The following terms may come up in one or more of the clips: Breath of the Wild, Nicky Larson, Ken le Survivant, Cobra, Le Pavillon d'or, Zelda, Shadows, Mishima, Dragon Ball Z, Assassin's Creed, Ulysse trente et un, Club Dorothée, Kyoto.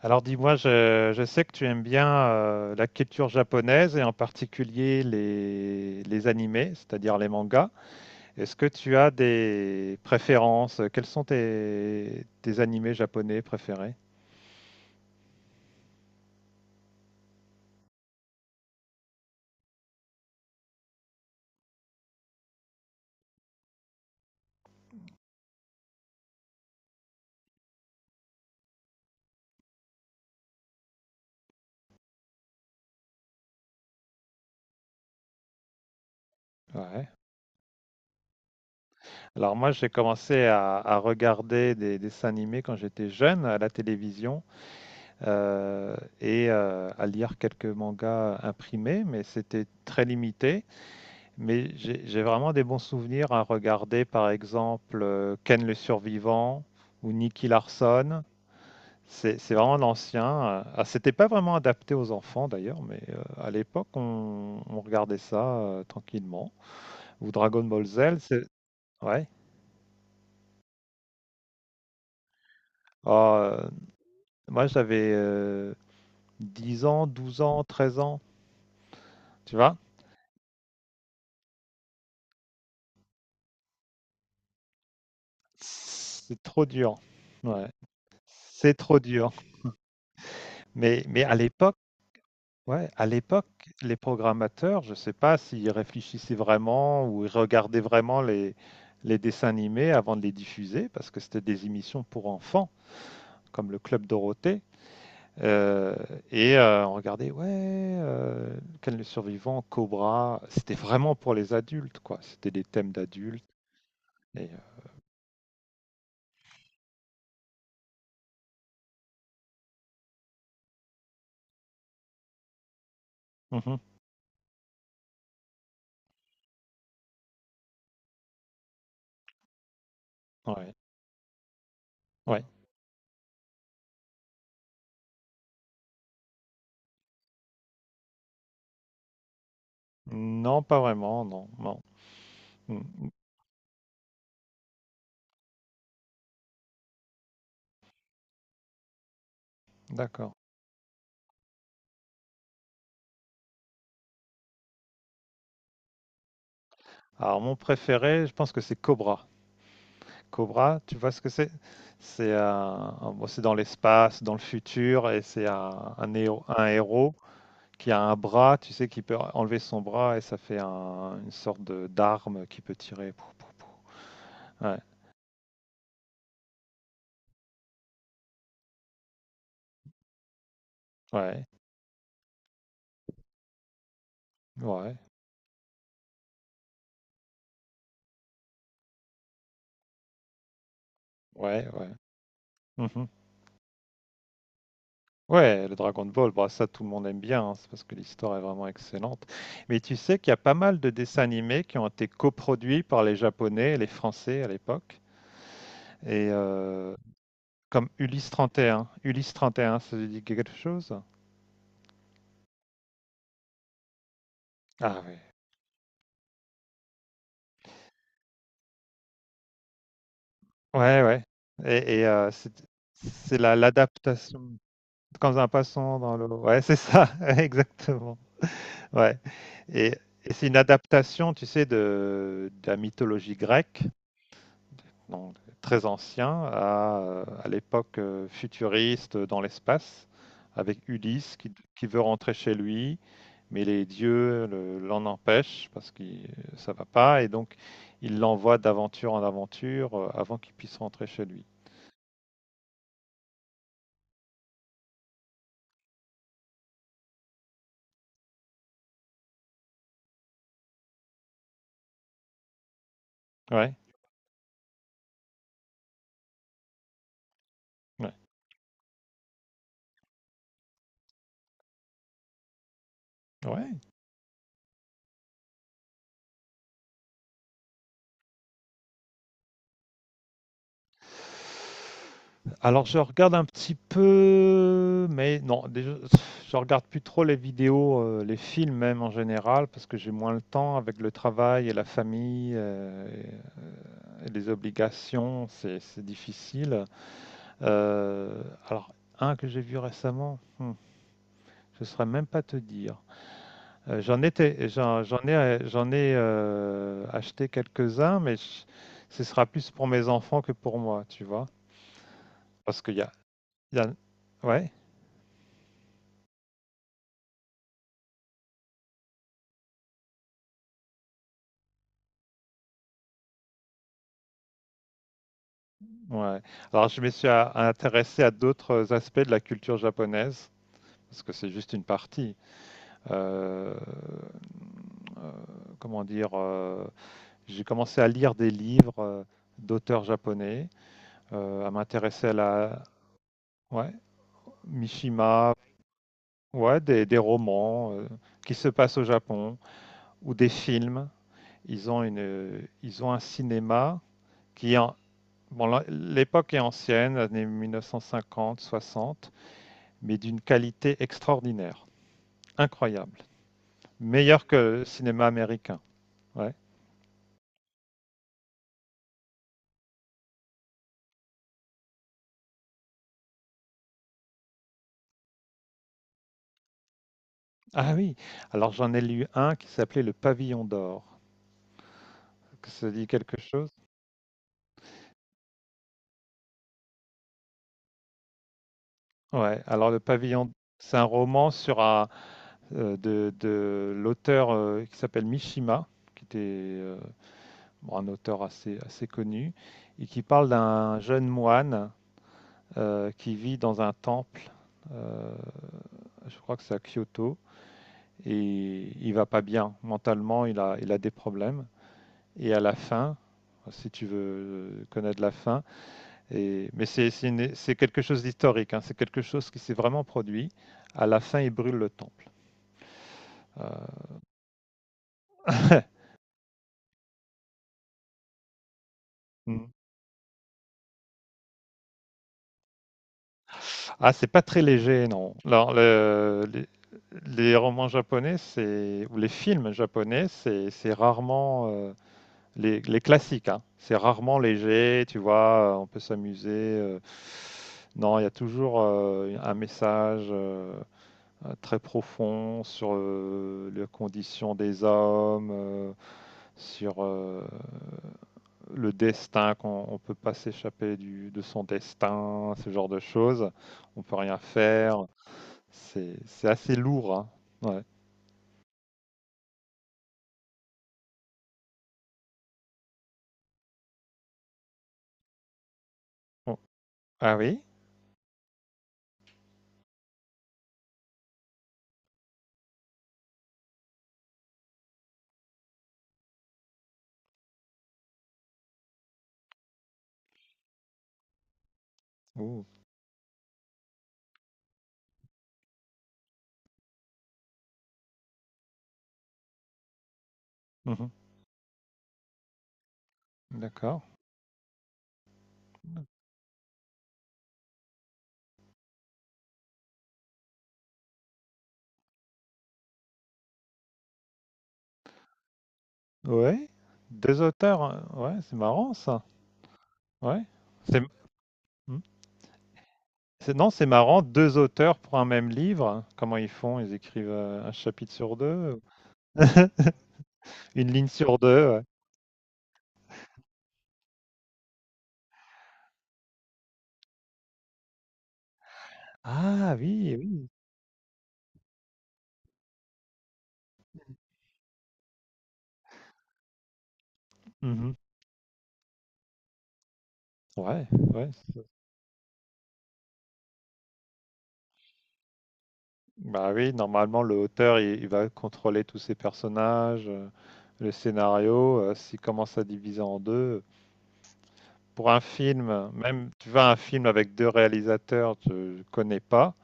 Alors dis-moi, je sais que tu aimes bien la culture japonaise et en particulier les animés, c'est-à-dire les mangas. Est-ce que tu as des préférences? Quels sont tes animés japonais préférés? Ouais. Alors moi, j'ai commencé à regarder des dessins animés quand j'étais jeune à la télévision, et à lire quelques mangas imprimés, mais c'était très limité. Mais j'ai vraiment des bons souvenirs à regarder, par exemple, Ken le Survivant ou Nicky Larson. C'est vraiment l'ancien. Ah, c'était pas vraiment adapté aux enfants d'ailleurs, mais à l'époque, on regardait ça tranquillement. Ou Dragon Ball Z, c'est. Ouais. Ah, moi, j'avais 10 ans, 12 ans, 13 ans, tu vois? C'est trop dur. Ouais. C'est trop dur. Mais à l'époque, ouais, à l'époque, les programmateurs, je ne sais pas s'ils réfléchissaient vraiment ou ils regardaient vraiment les dessins animés avant de les diffuser, parce que c'était des émissions pour enfants, comme le Club Dorothée. Euh, et on regardait, ouais, Ken le Survivant, Cobra, c'était vraiment pour les adultes, quoi. C'était des thèmes d'adultes. Et, mhm, ouais, ouais. Non, pas vraiment, non, non. Mm, mm. D'accord. Alors, mon préféré, je pense que c'est Cobra. Cobra, tu vois ce que c'est? C'est bon, c'est dans l'espace, dans le futur, et c'est un héros, un héros qui a un bras, tu sais, qui peut enlever son bras et ça fait une sorte de d'arme qui peut tirer. Pou, pou, pou. Ouais, ouais, ouais, ouais, ouais. Mhm. Ouais, le Dragon Ball, bah, ça tout le monde aime bien, hein, c'est parce que l'histoire est vraiment excellente. Mais tu sais qu'il y a pas mal de dessins animés qui ont été coproduits par les Japonais et les Français à l'époque. Et, comme Ulysse 31, Ulysse 31, ça vous dit quelque chose? Ah oui. Ouais, ouais. Et, c'est la l'adaptation quand un poisson dans l'eau. Ouais, c'est ça, ouais, exactement. Ouais, et et c'est une adaptation, tu sais, de la mythologie grecque, donc très ancien, à l'époque, futuriste, dans l'espace, avec Ulysse qui veut rentrer chez lui. Mais les dieux l'en empêchent parce que ça va pas, et donc il l'envoie d'aventure en aventure, avant qu'il puisse rentrer chez lui. Ouais. Ouais. Ouais. Alors je regarde un petit peu, mais non, déjà, je regarde plus trop les vidéos, les films même en général, parce que j'ai moins le temps avec le travail et la famille, et les obligations, c'est difficile. Euh, alors un que j'ai vu récemment, je ne saurais même pas te dire. J'en étais, j'en ai acheté quelques-uns, ce sera plus pour mes enfants que pour moi, tu vois. Parce qu'il y a, il y a- Ouais, ouais. Alors, je me suis intéressé à d'autres aspects de la culture japonaise, parce que c'est juste une partie. Euh, euh, Comment dire, j'ai commencé à lire des livres d'auteurs japonais, à m'intéresser à la, ouais, Mishima, ouais, des romans qui se passent au Japon, ou des films. Ils ont un cinéma qui, en, bon, l'époque est ancienne, années 1950-60, mais d'une qualité extraordinaire, incroyable. Meilleur que le cinéma américain. Ouais. Ah oui, alors j'en ai lu un qui s'appelait Le Pavillon d'or. Ça dit quelque chose? Ouais, alors Le Pavillon, c'est un roman sur un, de l'auteur qui s'appelle Mishima, qui était un auteur assez connu, et qui parle d'un jeune moine qui vit dans un temple, euh, je crois que c'est à Kyoto, et il va pas bien. Mentalement, il a des problèmes. Et à la fin, si tu veux connaître la fin, mais c'est quelque chose d'historique, hein, c'est quelque chose qui s'est vraiment produit. À la fin, il brûle le temple. Euh, mm. Ah, c'est pas très léger, non. Alors, les romans japonais, c'est, ou les films japonais, c'est rarement les classiques, hein. C'est rarement léger, tu vois, on peut s'amuser. Non, il y a toujours un message très profond sur les conditions des hommes, sur le destin, qu'on ne peut pas s'échapper de son destin, ce genre de choses. On peut rien faire. C'est assez lourd, hein. Ouais. Bon. Ah oui? Ouh. Mhm. D'accord. Ouais. Deux auteurs, hein. Ouais, c'est marrant ça. Ouais. C'est hmm. Non, c'est marrant, deux auteurs pour un même livre. Comment ils font? Ils écrivent un chapitre sur deux, ou- une ligne sur deux. Ouais. Ah oui, oui. Mhm. Ouais, ouais. Bah oui, normalement le auteur il va contrôler tous ses personnages, le scénario. S'il commence à diviser en deux, pour un film, même tu vas à un film avec deux réalisateurs, tu ne connais pas,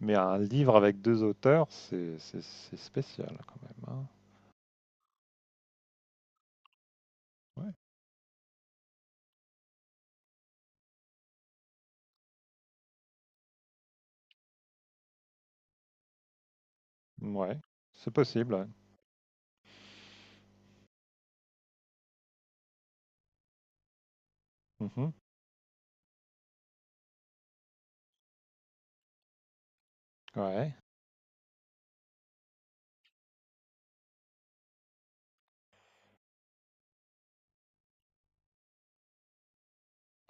mais un livre avec deux auteurs, c'est spécial quand même, hein. Ouais, ouais, c'est possible. Ouais. Mhm. Ouais,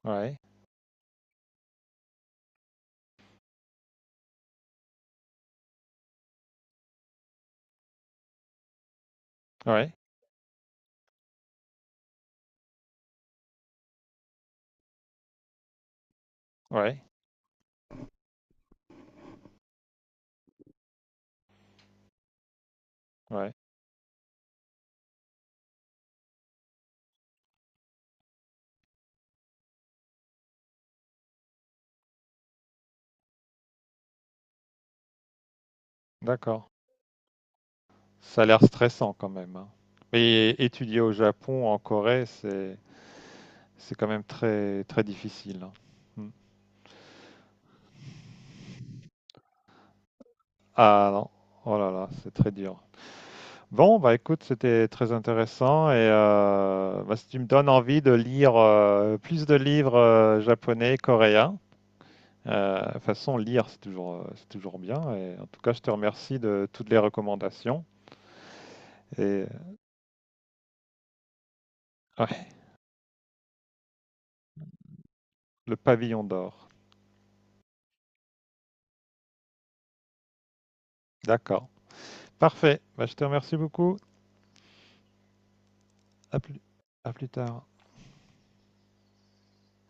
ouais, ouais, ouais, ouais. D'accord. Ça a l'air stressant quand même, hein. Et étudier au Japon, en Corée, c'est quand même très très difficile, hein. Mm. Ah non, oh là là, c'est très dur. Bon, bah écoute, c'était très intéressant, et bah, si tu me donnes envie de lire plus de livres japonais, coréens, de toute façon, lire, c'est toujours bien. Et en tout cas, je te remercie de toutes les recommandations. Et ouais, le pavillon d'or. D'accord. Parfait. Bah, je te remercie beaucoup. À plus, à plus tard.